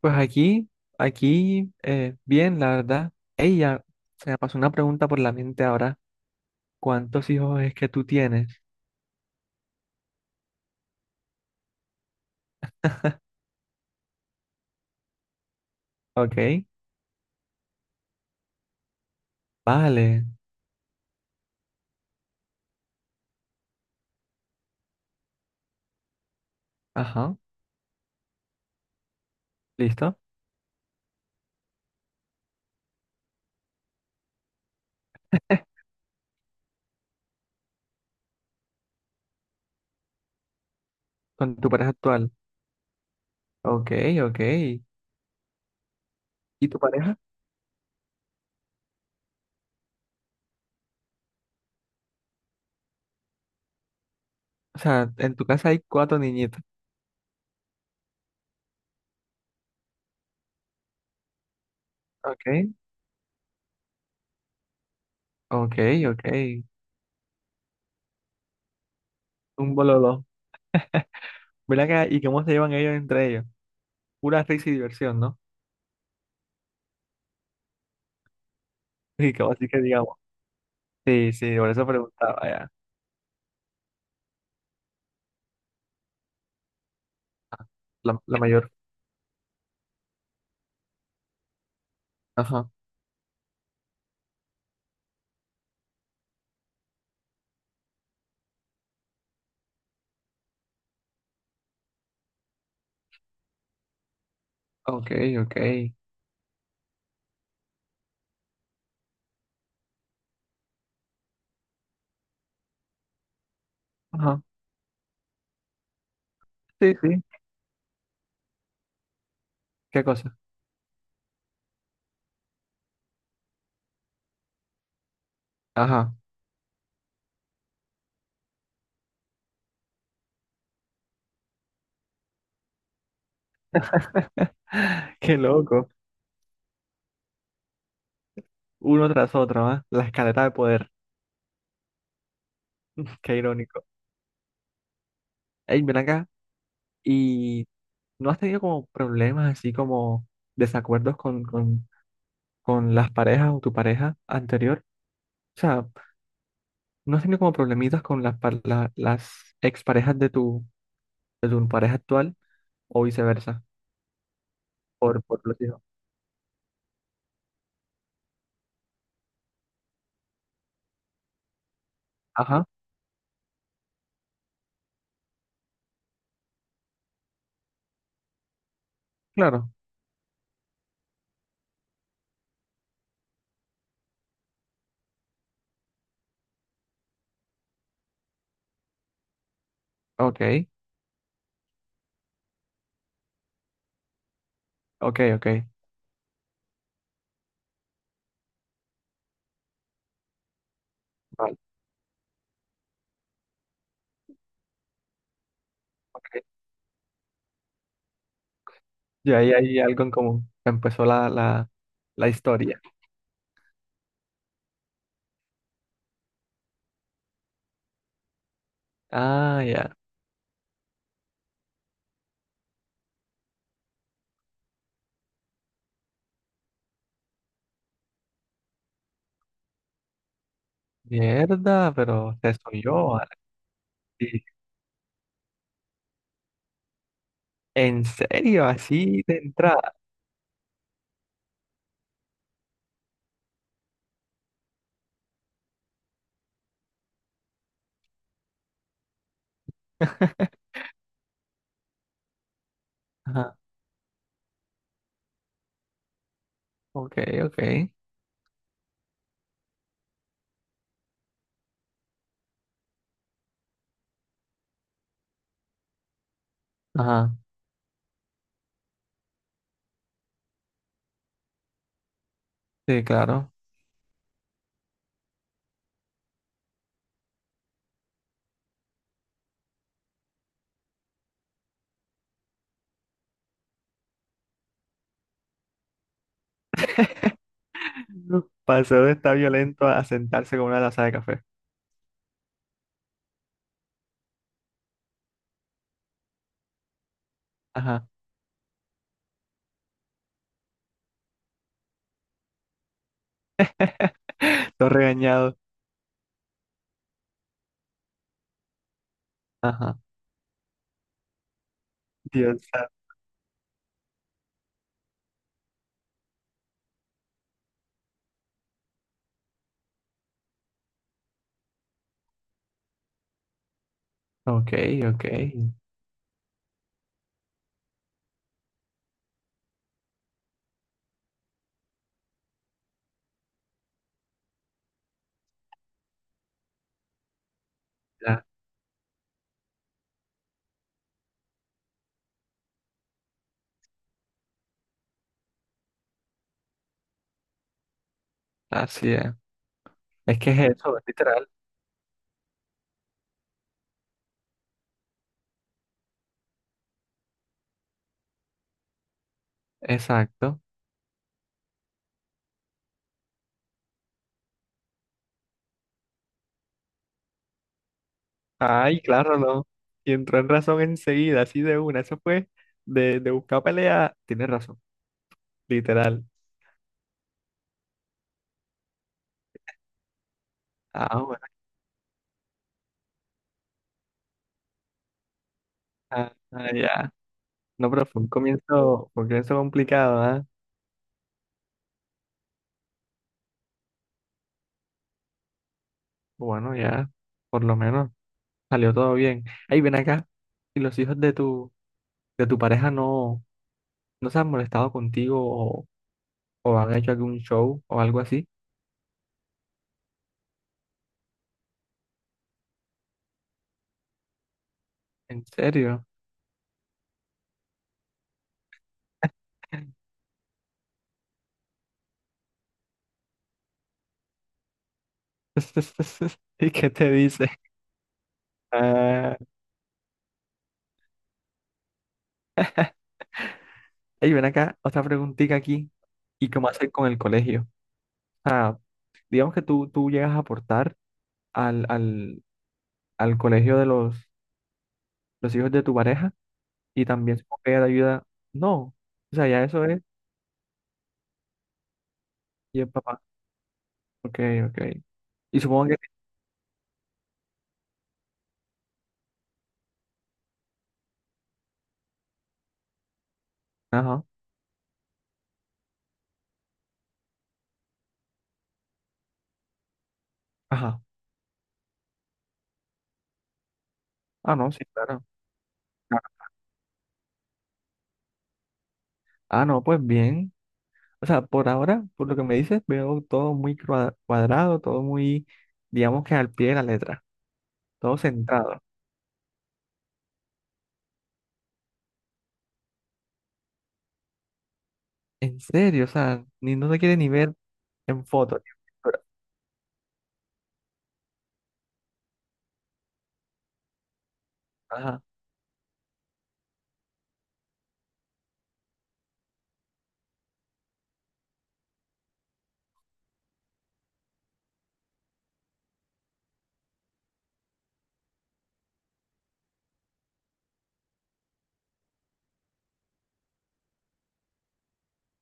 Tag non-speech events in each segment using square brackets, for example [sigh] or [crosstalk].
Pues aquí, bien, la verdad. Ella, se me pasó una pregunta por la mente ahora. ¿Cuántos hijos es que tú tienes? Ok, vale, ajá, listo. Con tu pareja actual. Ok, ok. ¿Y tu pareja? O sea, en tu casa hay cuatro niñitos. Ok, ok, ok. Un bololo. Ven acá, ¿y cómo se llevan ellos entre ellos? Pura risa y diversión, ¿no? [laughs] Y como así que digamos. Sí, sí, por eso preguntaba ya. La mayor. Ajá, ok, ok. Ajá. Sí, sí. ¿Qué cosa? Ajá. [laughs] Qué loco. Uno tras otro, ¿ah? La escalera de poder. [laughs] Qué irónico. Ey, ven acá. ¿Y no has tenido como problemas así como desacuerdos con las parejas o tu pareja anterior? O sea, ¿no has tenido como problemitas con las, las exparejas de tu pareja actual o viceversa? Por los hijos. Ajá, claro. Ok, ok, ok. Vale. Ok. Y ahí hay algo en común. Empezó la historia. Ah, ya. Mierda, pero se soy yo. Así. ¿En serio? Así de entrada. [laughs] Ajá. Ok, ok. Ajá. Sí, claro. [laughs] Pasó de estar violento a sentarse con una taza de café. Ajá. Todo regañado. Ajá. Dios santo. Ok, ok. Ya, así es. Es que es eso, es literal. Exacto. Ay, claro, no. Y entró en razón enseguida, así de una. Eso fue de buscar pelea. Tienes razón. Literal. Ah, ya. No, pero fue un comienzo complicado, ¿ah? Bueno, ya, por lo menos salió todo bien. Ahí ven acá, ¿y los hijos de tu pareja no, no se han molestado contigo o han hecho algún show o algo así? ¿En serio? [laughs] ¿Y qué te dice? Ah, ey, ven acá, otra preguntita aquí. ¿Y cómo hacer con el colegio? Ah, digamos que tú llegas a aportar al, al, al colegio de los hijos de tu pareja. Y también supongo que ella te ayuda. No, o sea, ya eso es, y el papá. Ok, ok. Y supongo que, ajá, ajá. Ah, no, sí, claro. Claro. Ah, no, pues bien. O sea, por ahora, por lo que me dices, veo todo muy cuadrado, todo muy, digamos que al pie de la letra, todo centrado. En serio, o sea, ni no te quiere ni ver en fotos. Ajá,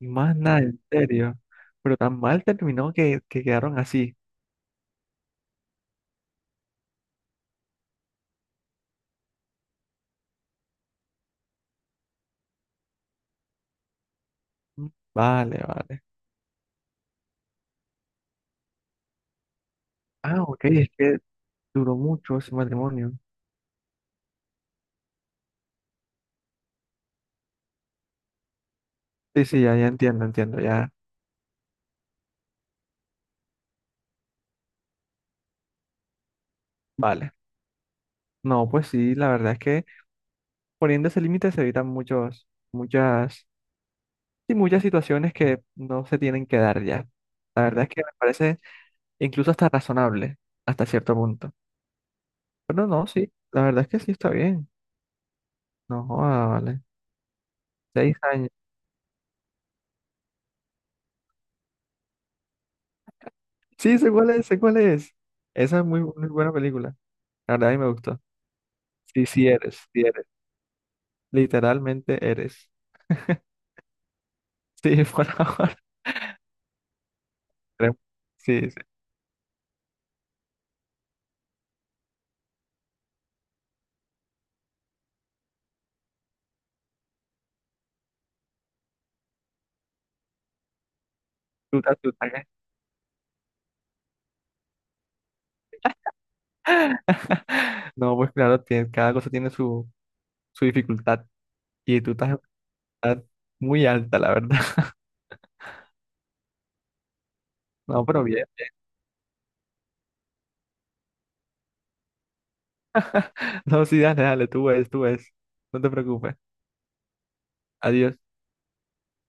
y más nada, en serio. Pero tan mal terminó que quedaron así. Mm, vale, vale. Ah, ok, es que duró mucho ese matrimonio. Sí, sí, ya, ya entiendo, entiendo, ya. Vale. No, pues sí, la verdad es que poniendo ese límite se evitan muchos, muchas, y muchas situaciones que no se tienen que dar ya. La verdad es que me parece incluso hasta razonable, hasta cierto punto. Pero no, sí, la verdad es que sí está bien. No, joda, vale. 6 años. Sí, sé cuál es, sé cuál es. Esa es muy, muy buena película. La verdad a mí me gustó. Sí, sí eres, sí eres. Literalmente eres. Sí, [laughs] por ahora. Sí, sí. Tú te asustas, ¿eh? No, pues claro, tiene- cada cosa tiene su, su dificultad y tú estás en una edad muy alta, la verdad. [laughs] No, pero bien. No, sí, dale, dale, tú ves, tú ves. No te preocupes. Adiós.